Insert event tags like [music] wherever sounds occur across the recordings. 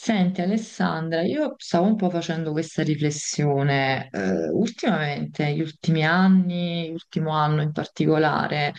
Senti Alessandra, io stavo un po' facendo questa riflessione. Ultimamente, gli ultimi anni, l'ultimo anno in particolare,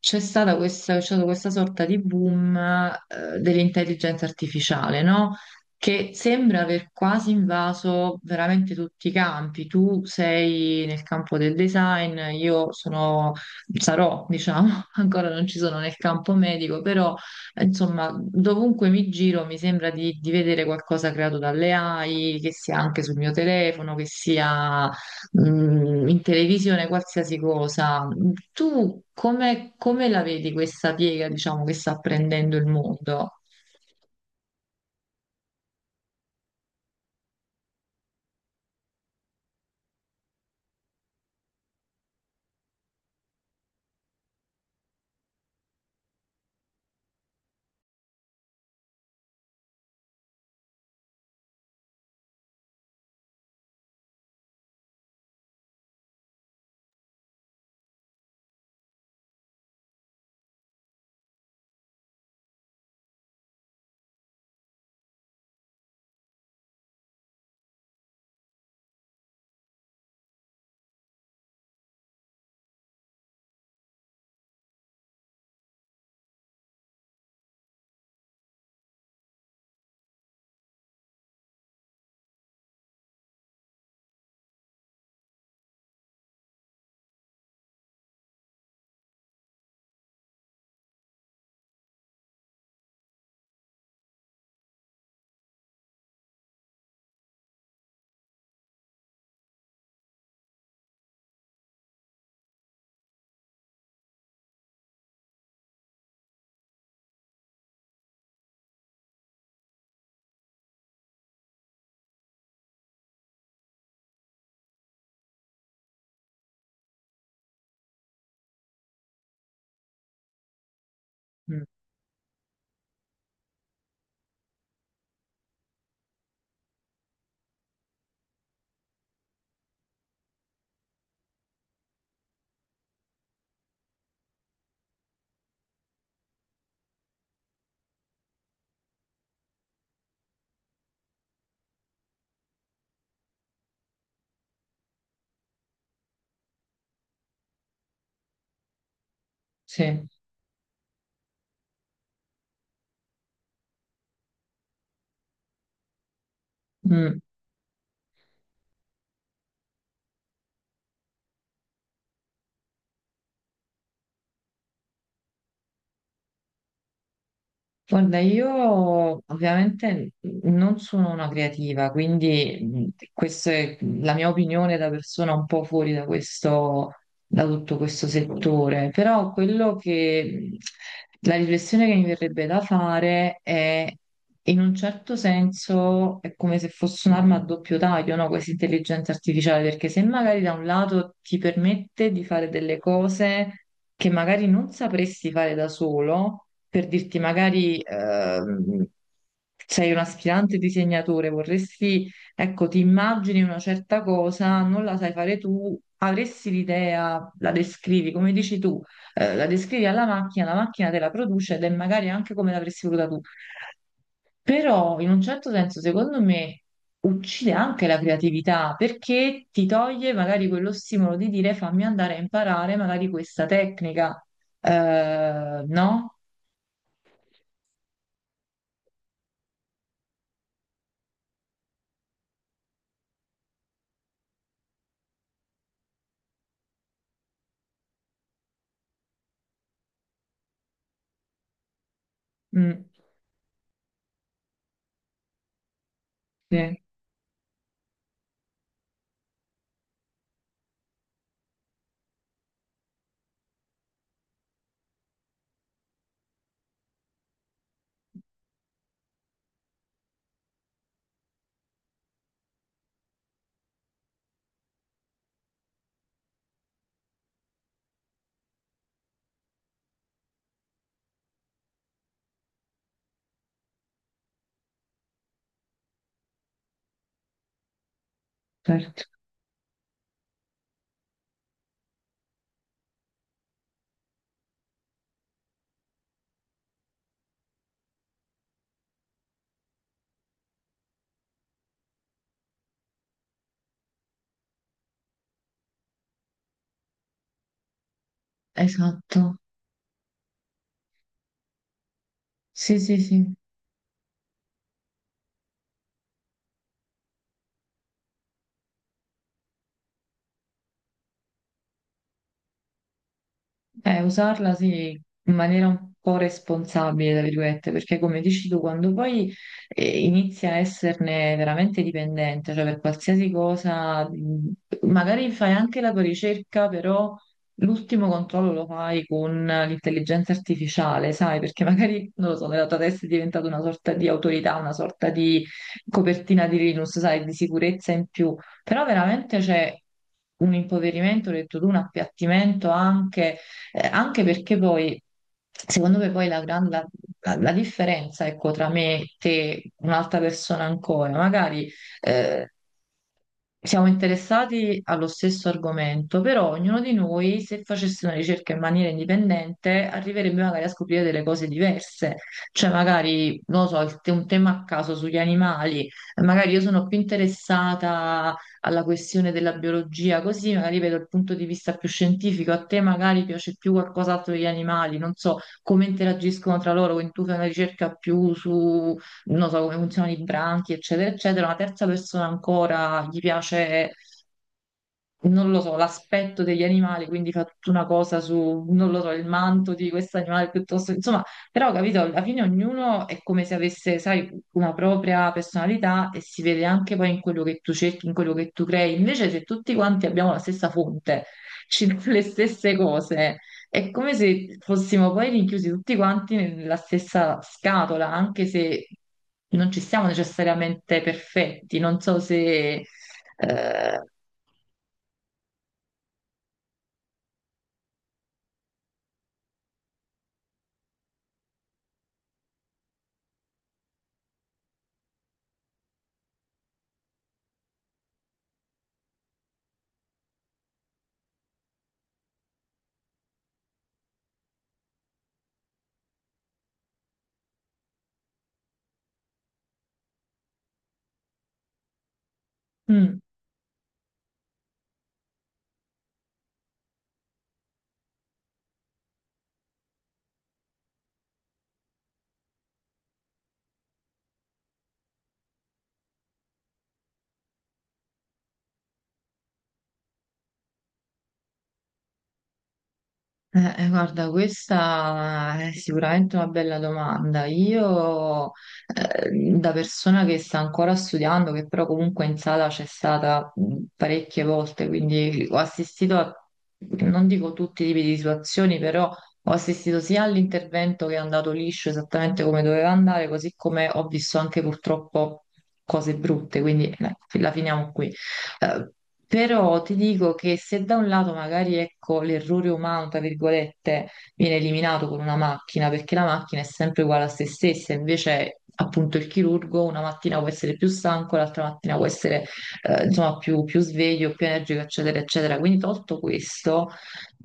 c'è stato questa sorta di boom, dell'intelligenza artificiale, no? Che sembra aver quasi invaso veramente tutti i campi. Tu sei nel campo del design, io sono, sarò, diciamo, [laughs] ancora non ci sono nel campo medico, però. Insomma, dovunque mi giro mi sembra di vedere qualcosa creato dalle AI, che sia anche sul mio telefono, che sia in televisione, qualsiasi cosa. Tu come la vedi questa piega, diciamo, che sta prendendo il mondo? Mm, sì. Mm. Guarda, io ovviamente non sono una creativa, quindi questa è la mia opinione da persona un po' fuori da questo, da tutto questo settore, però quello che la riflessione che mi verrebbe da fare è in un certo senso è come se fosse un'arma a doppio taglio, no? Questa intelligenza artificiale, perché se magari da un lato ti permette di fare delle cose che magari non sapresti fare da solo, per dirti magari sei un aspirante disegnatore, vorresti, ecco, ti immagini una certa cosa, non la sai fare tu, avresti l'idea, la descrivi, come dici tu, la descrivi alla macchina, la macchina te la produce ed è magari anche come l'avresti voluta tu. Però in un certo senso, secondo me, uccide anche la creatività perché ti toglie magari quello stimolo di dire fammi andare a imparare magari questa tecnica, eh, no? Mm. Sì, certo. Esatto, sì, sì, sì. Usarla sì, in maniera un po' responsabile, tra virgolette, perché come dici tu, quando poi inizi a esserne veramente dipendente, cioè per qualsiasi cosa, magari fai anche la tua ricerca, però l'ultimo controllo lo fai con l'intelligenza artificiale, sai, perché [laughs] magari, non lo so, nella tua testa è diventata una sorta di autorità, una sorta di copertina di Linux, sai, di sicurezza in più, però veramente c'è un impoverimento, ho detto tu, un appiattimento anche anche perché poi, secondo me, poi la, gran- la- la- la differenza, ecco, tra me, te, un'altra persona ancora, magari eh, siamo interessati allo stesso argomento, però ognuno di noi, se facesse una ricerca in maniera indipendente, arriverebbe magari a scoprire delle cose diverse. Cioè, magari, non lo so, un tema a caso sugli animali, magari io sono più interessata alla questione della biologia, così magari vedo il punto di vista più scientifico, a te magari piace più qualcos'altro degli animali, non so come interagiscono tra loro, quindi tu fai una ricerca più su, non so, come funzionano i branchi, eccetera, eccetera, una terza persona ancora gli piace non lo so, l'aspetto degli animali, quindi fa tutta una cosa su, non lo so, il manto di questo animale piuttosto, insomma, però capito, alla fine ognuno è come se avesse, sai, una propria personalità e si vede anche poi in quello che tu cerchi, in quello che tu crei. Invece se tutti quanti abbiamo la stessa fonte, [laughs] ci danno le stesse cose, è come se fossimo poi rinchiusi tutti quanti nella stessa scatola, anche se non ci siamo necessariamente perfetti, non so se... eh, mm. Guarda, questa è sicuramente una bella domanda. Io, da persona che sta ancora studiando, che però comunque in sala c'è stata parecchie volte, quindi ho assistito a, non dico tutti i tipi di situazioni, però ho assistito sia all'intervento che è andato liscio esattamente come doveva andare, così come ho visto anche purtroppo cose brutte, quindi la finiamo qui. Eh, però ti dico che se da un lato magari ecco l'errore umano, tra virgolette, viene eliminato con una macchina, perché la macchina è sempre uguale a se stessa, invece appunto il chirurgo una mattina può essere più stanco, l'altra mattina può essere insomma più sveglio, più energico, eccetera, eccetera. Quindi tolto questo,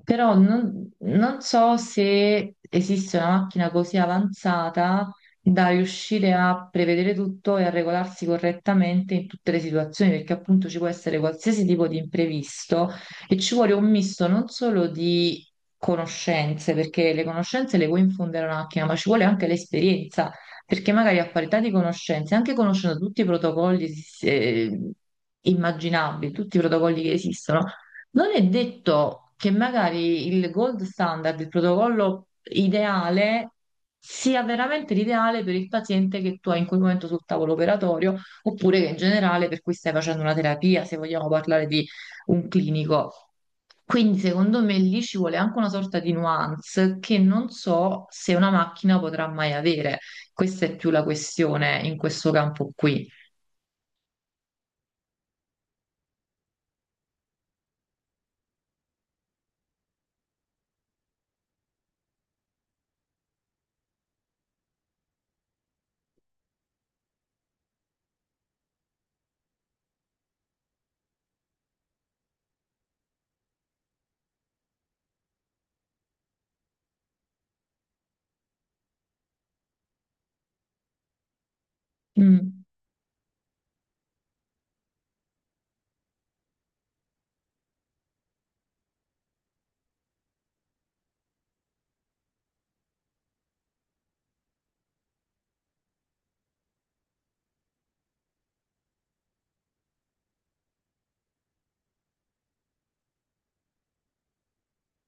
però non so se esiste una macchina così avanzata da riuscire a prevedere tutto e a regolarsi correttamente in tutte le situazioni, perché appunto ci può essere qualsiasi tipo di imprevisto e ci vuole un misto non solo di conoscenze, perché le conoscenze le puoi infondere a una macchina, ma ci vuole anche l'esperienza, perché magari a parità di conoscenze, anche conoscendo tutti i protocolli eh, immaginabili, tutti i protocolli che esistono, non è detto che magari il gold standard, il protocollo ideale, sia veramente l'ideale per il paziente che tu hai in quel momento sul tavolo operatorio, oppure che in generale per cui stai facendo una terapia, se vogliamo parlare di un clinico. Quindi secondo me lì ci vuole anche una sorta di nuance che non so se una macchina potrà mai avere. Questa è più la questione in questo campo qui. Mm.